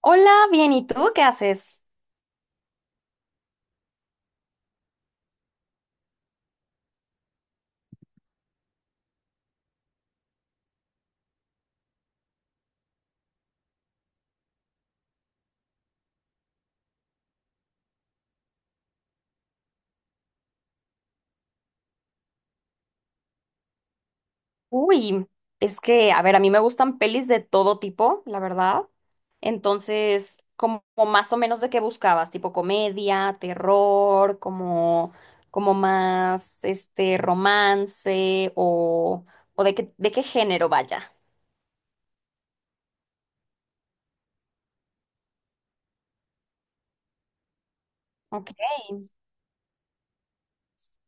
Hola, bien, ¿y tú qué haces? Uy, es que, a ver, a mí me gustan pelis de todo tipo, la verdad. Entonces, como más o menos de qué buscabas, tipo comedia, terror, como, más, romance o de qué género vaya. Ok.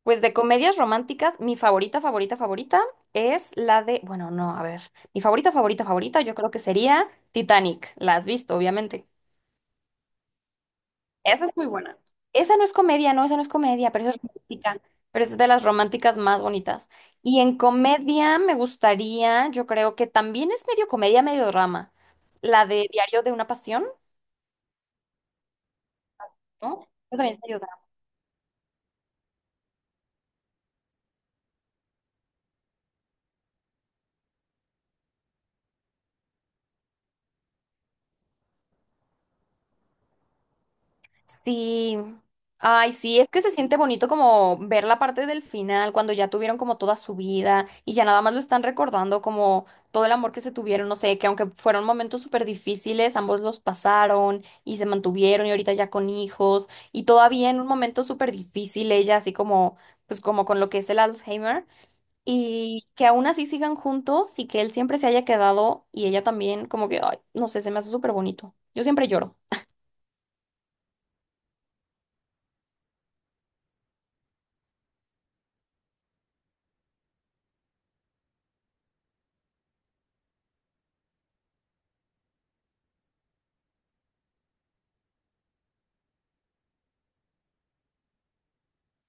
Pues de comedias románticas, mi favorita, favorita, favorita es la de, bueno, no, a ver, mi favorita, favorita, favorita, yo creo que sería Titanic. La has visto, obviamente. Esa es muy buena. Esa no es comedia, no, esa no es comedia, pero esa es romántica. Pero es de las románticas más bonitas. Y en comedia me gustaría, yo creo que también es medio comedia, medio drama. La de Diario de una Pasión, ¿no? Esa también es medio. Sí, ay, sí, es que se siente bonito como ver la parte del final, cuando ya tuvieron como toda su vida y ya nada más lo están recordando como todo el amor que se tuvieron, no sé, que aunque fueron momentos súper difíciles, ambos los pasaron y se mantuvieron y ahorita ya con hijos y todavía en un momento súper difícil ella así como, pues como con lo que es el Alzheimer y que aún así sigan juntos y que él siempre se haya quedado y ella también como que, ay, no sé, se me hace súper bonito. Yo siempre lloro.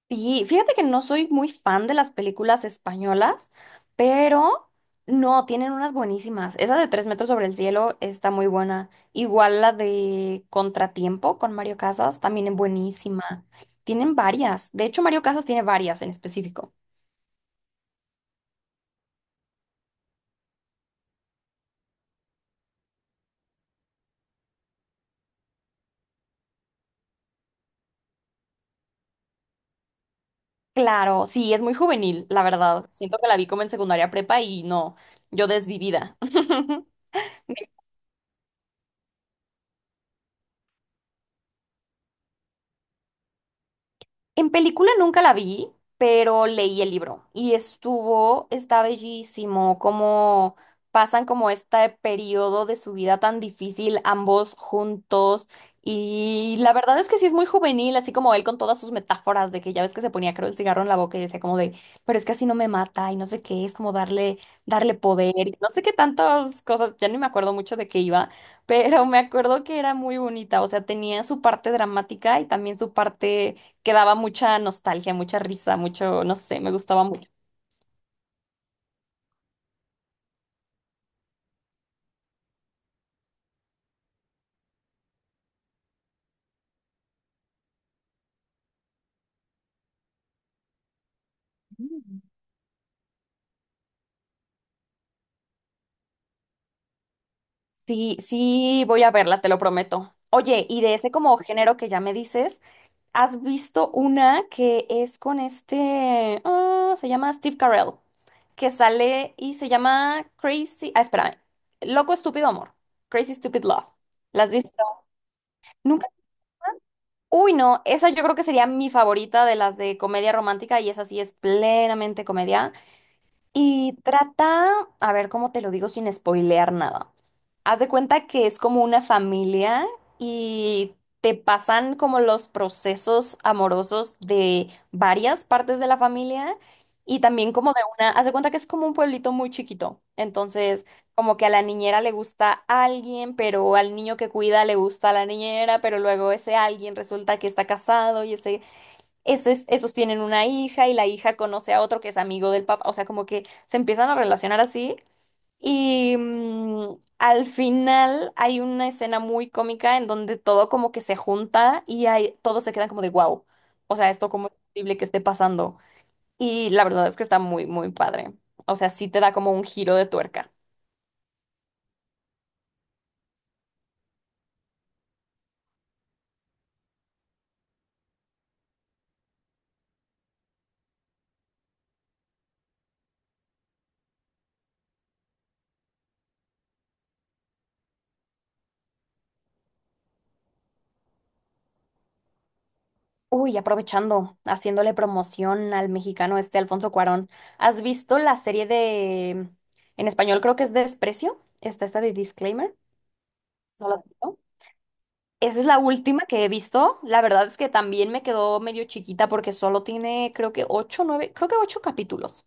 Y fíjate que no soy muy fan de las películas españolas, pero no, tienen unas buenísimas. Esa de Tres metros sobre el cielo está muy buena. Igual la de Contratiempo con Mario Casas también es buenísima. Tienen varias. De hecho, Mario Casas tiene varias en específico. Claro, sí, es muy juvenil, la verdad. Siento que la vi como en secundaria prepa y no, yo desvivida. En película nunca la vi, pero leí el libro y estuvo, está bellísimo, cómo pasan como este periodo de su vida tan difícil ambos juntos y la verdad es que sí es muy juvenil, así como él con todas sus metáforas de que ya ves que se ponía creo el cigarro en la boca y decía como de, pero es que así no me mata y no sé qué, es como darle poder y no sé qué tantas cosas, ya ni me acuerdo mucho de qué iba, pero me acuerdo que era muy bonita, o sea, tenía su parte dramática y también su parte que daba mucha nostalgia, mucha risa, mucho, no sé, me gustaba mucho. Sí, sí, voy a verla, te lo prometo. Oye, y de ese como género que ya me dices, ¿has visto una que es con se llama Steve Carell, que sale y se llama Crazy, espérame, Loco Estúpido Amor, Crazy Stupid Love. ¿La has visto? Nunca. Uy, no, esa yo creo que sería mi favorita de las de comedia romántica y esa sí es plenamente comedia. Y trata, a ver cómo te lo digo sin spoilear nada. Haz de cuenta que es como una familia y te pasan como los procesos amorosos de varias partes de la familia y también como de una, haz de cuenta que es como un pueblito muy chiquito. Entonces, como que a la niñera le gusta alguien, pero al niño que cuida le gusta a la niñera, pero luego ese alguien resulta que está casado y esos tienen una hija y la hija conoce a otro que es amigo del papá, o sea, como que se empiezan a relacionar así. Y al final hay una escena muy cómica en donde todo como que se junta y hay, todos se quedan como de wow, o sea, esto como es posible que esté pasando. Y la verdad es que está muy, muy padre. O sea, sí te da como un giro de tuerca. Uy, aprovechando, haciéndole promoción al mexicano este Alfonso Cuarón. ¿Has visto la serie de, en español creo que es Desprecio? Está esta de Disclaimer. ¿No la has visto? Esa es la última que he visto. La verdad es que también me quedó medio chiquita porque solo tiene, creo que ocho, nueve, creo que ocho capítulos.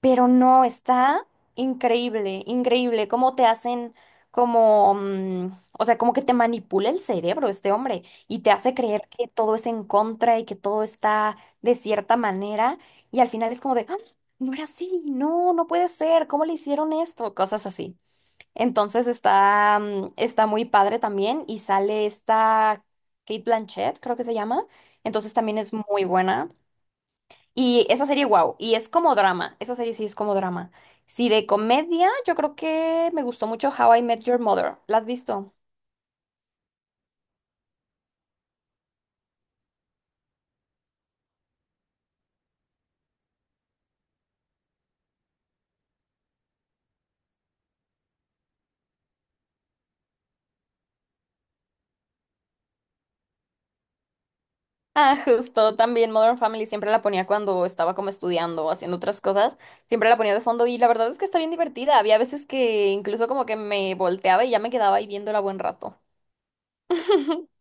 Pero no, está increíble, increíble cómo te hacen como, o sea, como que te manipula el cerebro este hombre y te hace creer que todo es en contra y que todo está de cierta manera y al final es como de, "Ah, no era así, no, no puede ser, ¿cómo le hicieron esto? Cosas así. Entonces está muy padre también y sale esta Kate Blanchett, creo que se llama, entonces también es muy buena. Y esa serie, wow, y es como drama, esa serie sí es como drama. Sí, de comedia, yo creo que me gustó mucho How I Met Your Mother. ¿La has visto? Ah, justo, también Modern Family siempre la ponía cuando estaba como estudiando o haciendo otras cosas, siempre la ponía de fondo y la verdad es que está bien divertida. Había veces que incluso como que me volteaba y ya me quedaba ahí viéndola buen rato.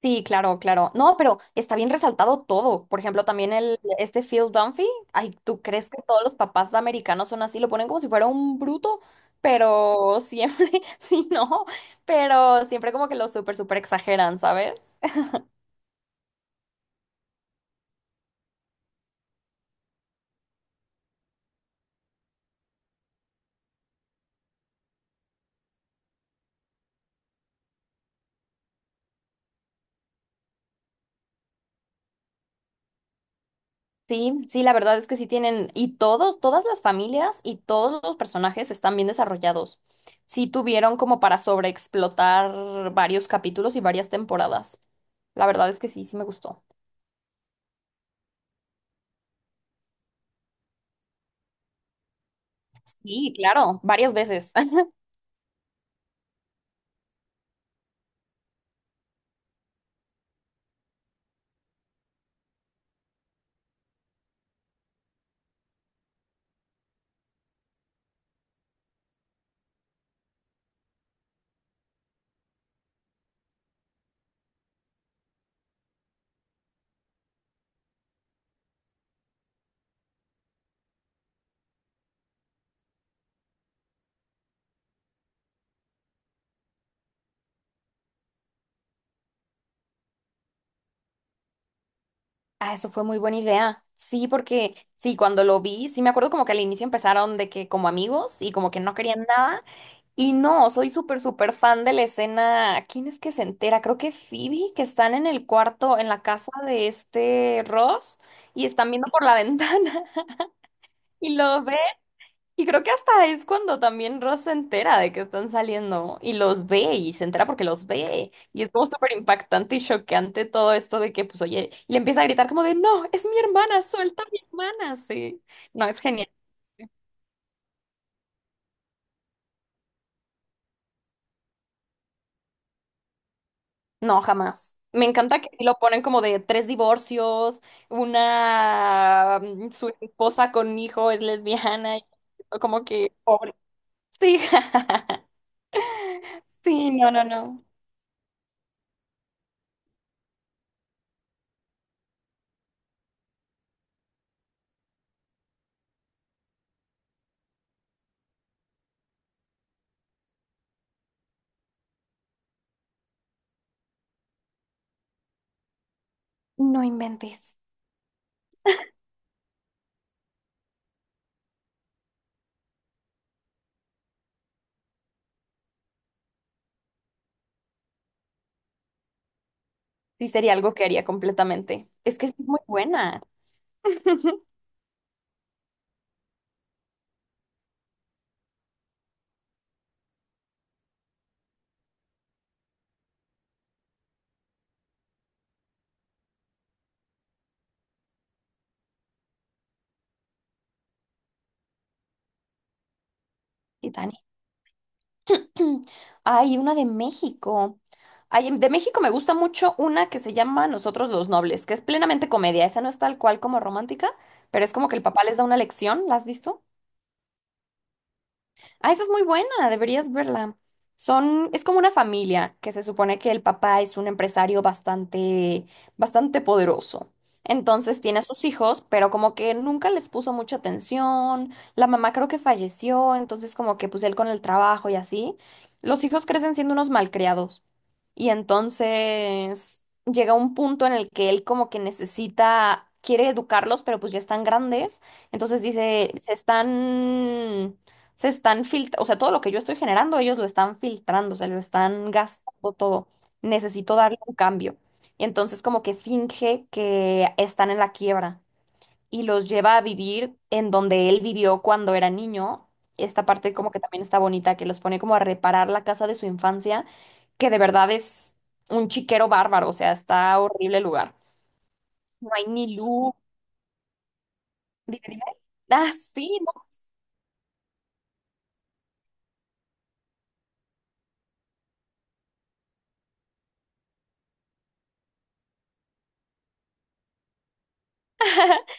Sí, claro, claro. No, pero está bien resaltado todo. Por ejemplo, también este Phil Dunphy. Ay, ¿tú crees que todos los papás americanos son así? Lo ponen como si fuera un bruto, pero siempre, sí, no, pero siempre como que lo súper, súper exageran, ¿sabes? Sí, sí, la verdad es que sí tienen, y todos, todas las familias y todos los personajes están bien desarrollados. Sí tuvieron como para sobreexplotar varios capítulos y varias temporadas. La verdad es que sí, sí me gustó. Sí, claro, varias veces. Ah, eso fue muy buena idea. Sí, porque sí, cuando lo vi, sí me acuerdo como que al inicio empezaron de que como amigos y como que no querían nada. Y no, soy súper, súper fan de la escena. ¿Quién es que se entera? Creo que Phoebe, que están en el cuarto, en la casa de este Ross y están viendo por la ventana y lo ven y creo que hasta es cuando también Ross se entera de que están saliendo y los ve y se entera porque los ve. Y es como súper impactante y choqueante todo esto de que, pues, oye, y le empieza a gritar como de, no, es mi hermana, suelta a mi hermana, sí. No, es genial. No, jamás. Me encanta que sí lo ponen como de tres divorcios, una, su esposa con hijo es lesbiana, y como que pobre. Sí, sí, no, no, no. No inventes. Sí, sería algo que haría completamente. Es que sí es muy buena. Y Dani. Hay una de México. Ay, de México me gusta mucho una que se llama Nosotros los Nobles, que es plenamente comedia. Esa no es tal cual como romántica, pero es como que el papá les da una lección. ¿La has visto? Ah, esa es muy buena, deberías verla. Es como una familia que se supone que el papá es un empresario bastante, bastante poderoso. Entonces tiene a sus hijos, pero como que nunca les puso mucha atención. La mamá creo que falleció, entonces como que pues él con el trabajo y así. Los hijos crecen siendo unos malcriados. Y entonces llega un punto en el que él como que necesita, quiere educarlos, pero pues ya están grandes. Entonces dice, se están filtrando, o sea, todo lo que yo estoy generando, ellos lo están filtrando, se lo están gastando todo. Necesito darle un cambio. Y entonces como que finge que están en la quiebra y los lleva a vivir en donde él vivió cuando era niño. Esta parte como que también está bonita, que los pone como a reparar la casa de su infancia, que de verdad es un chiquero bárbaro, o sea, está horrible el lugar. No hay ni luz. Dime, dime. Ah, sí, no.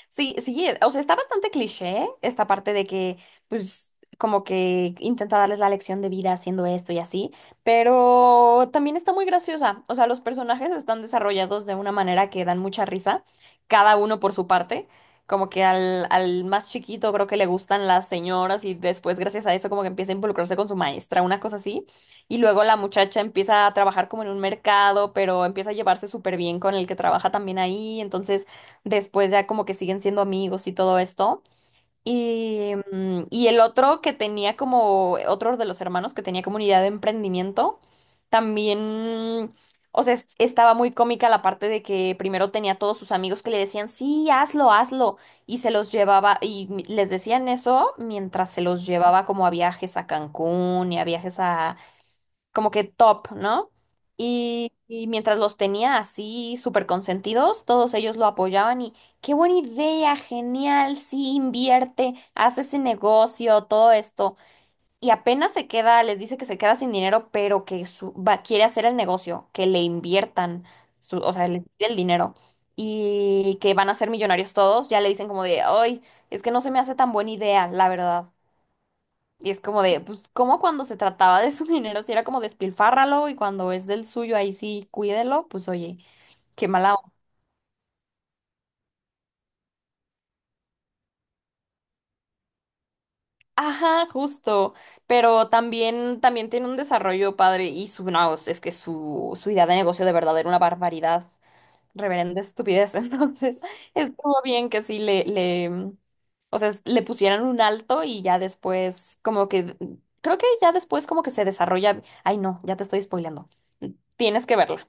Sí, sí, o sea, está bastante cliché esta parte de que, pues, como que intenta darles la lección de vida haciendo esto y así, pero también está muy graciosa. O sea, los personajes están desarrollados de una manera que dan mucha risa, cada uno por su parte. Como que al más chiquito creo que le gustan las señoras y después gracias a eso como que empieza a involucrarse con su maestra, una cosa así. Y luego la muchacha empieza a trabajar como en un mercado, pero empieza a llevarse súper bien con el que trabaja también ahí. Entonces. Después ya como que siguen siendo amigos y todo esto. Y el otro que tenía como, otro de los hermanos que tenía como una idea de emprendimiento, también, o sea, estaba muy cómica la parte de que primero tenía todos sus amigos que le decían, sí, hazlo, hazlo. Y se los llevaba, y les decían eso mientras se los llevaba como a viajes a Cancún y a viajes como que top, ¿no? Y mientras los tenía así súper consentidos, todos ellos lo apoyaban y qué buena idea, genial, sí, invierte, hace ese negocio, todo esto. Y apenas se queda, les dice que se queda sin dinero, pero que va, quiere hacer el negocio, que le inviertan, o sea, le tire el dinero. Y que van a ser millonarios todos, ya le dicen como de, ay, es que no se me hace tan buena idea, la verdad. Y es como de, pues, como cuando se trataba de su dinero, si era como despilfárralo y cuando es del suyo, ahí sí, cuídelo, pues oye, qué mala onda. Ajá, justo. Pero también tiene un desarrollo padre y no, es que su idea de negocio de verdad era una barbaridad, reverenda estupidez. Entonces, estuvo bien que sí o sea, le pusieran un alto y ya después, como que, creo que ya después como que se desarrolla. Ay, no, ya te estoy spoileando. Tienes que verla.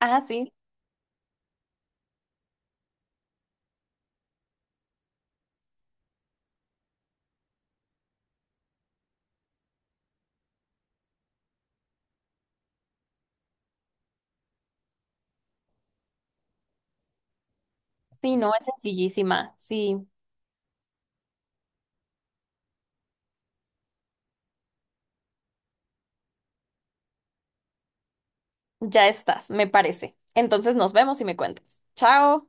Ah, sí. Sí, no, es sencillísima. Sí, ya estás, me parece. Entonces nos vemos y me cuentas. Chao.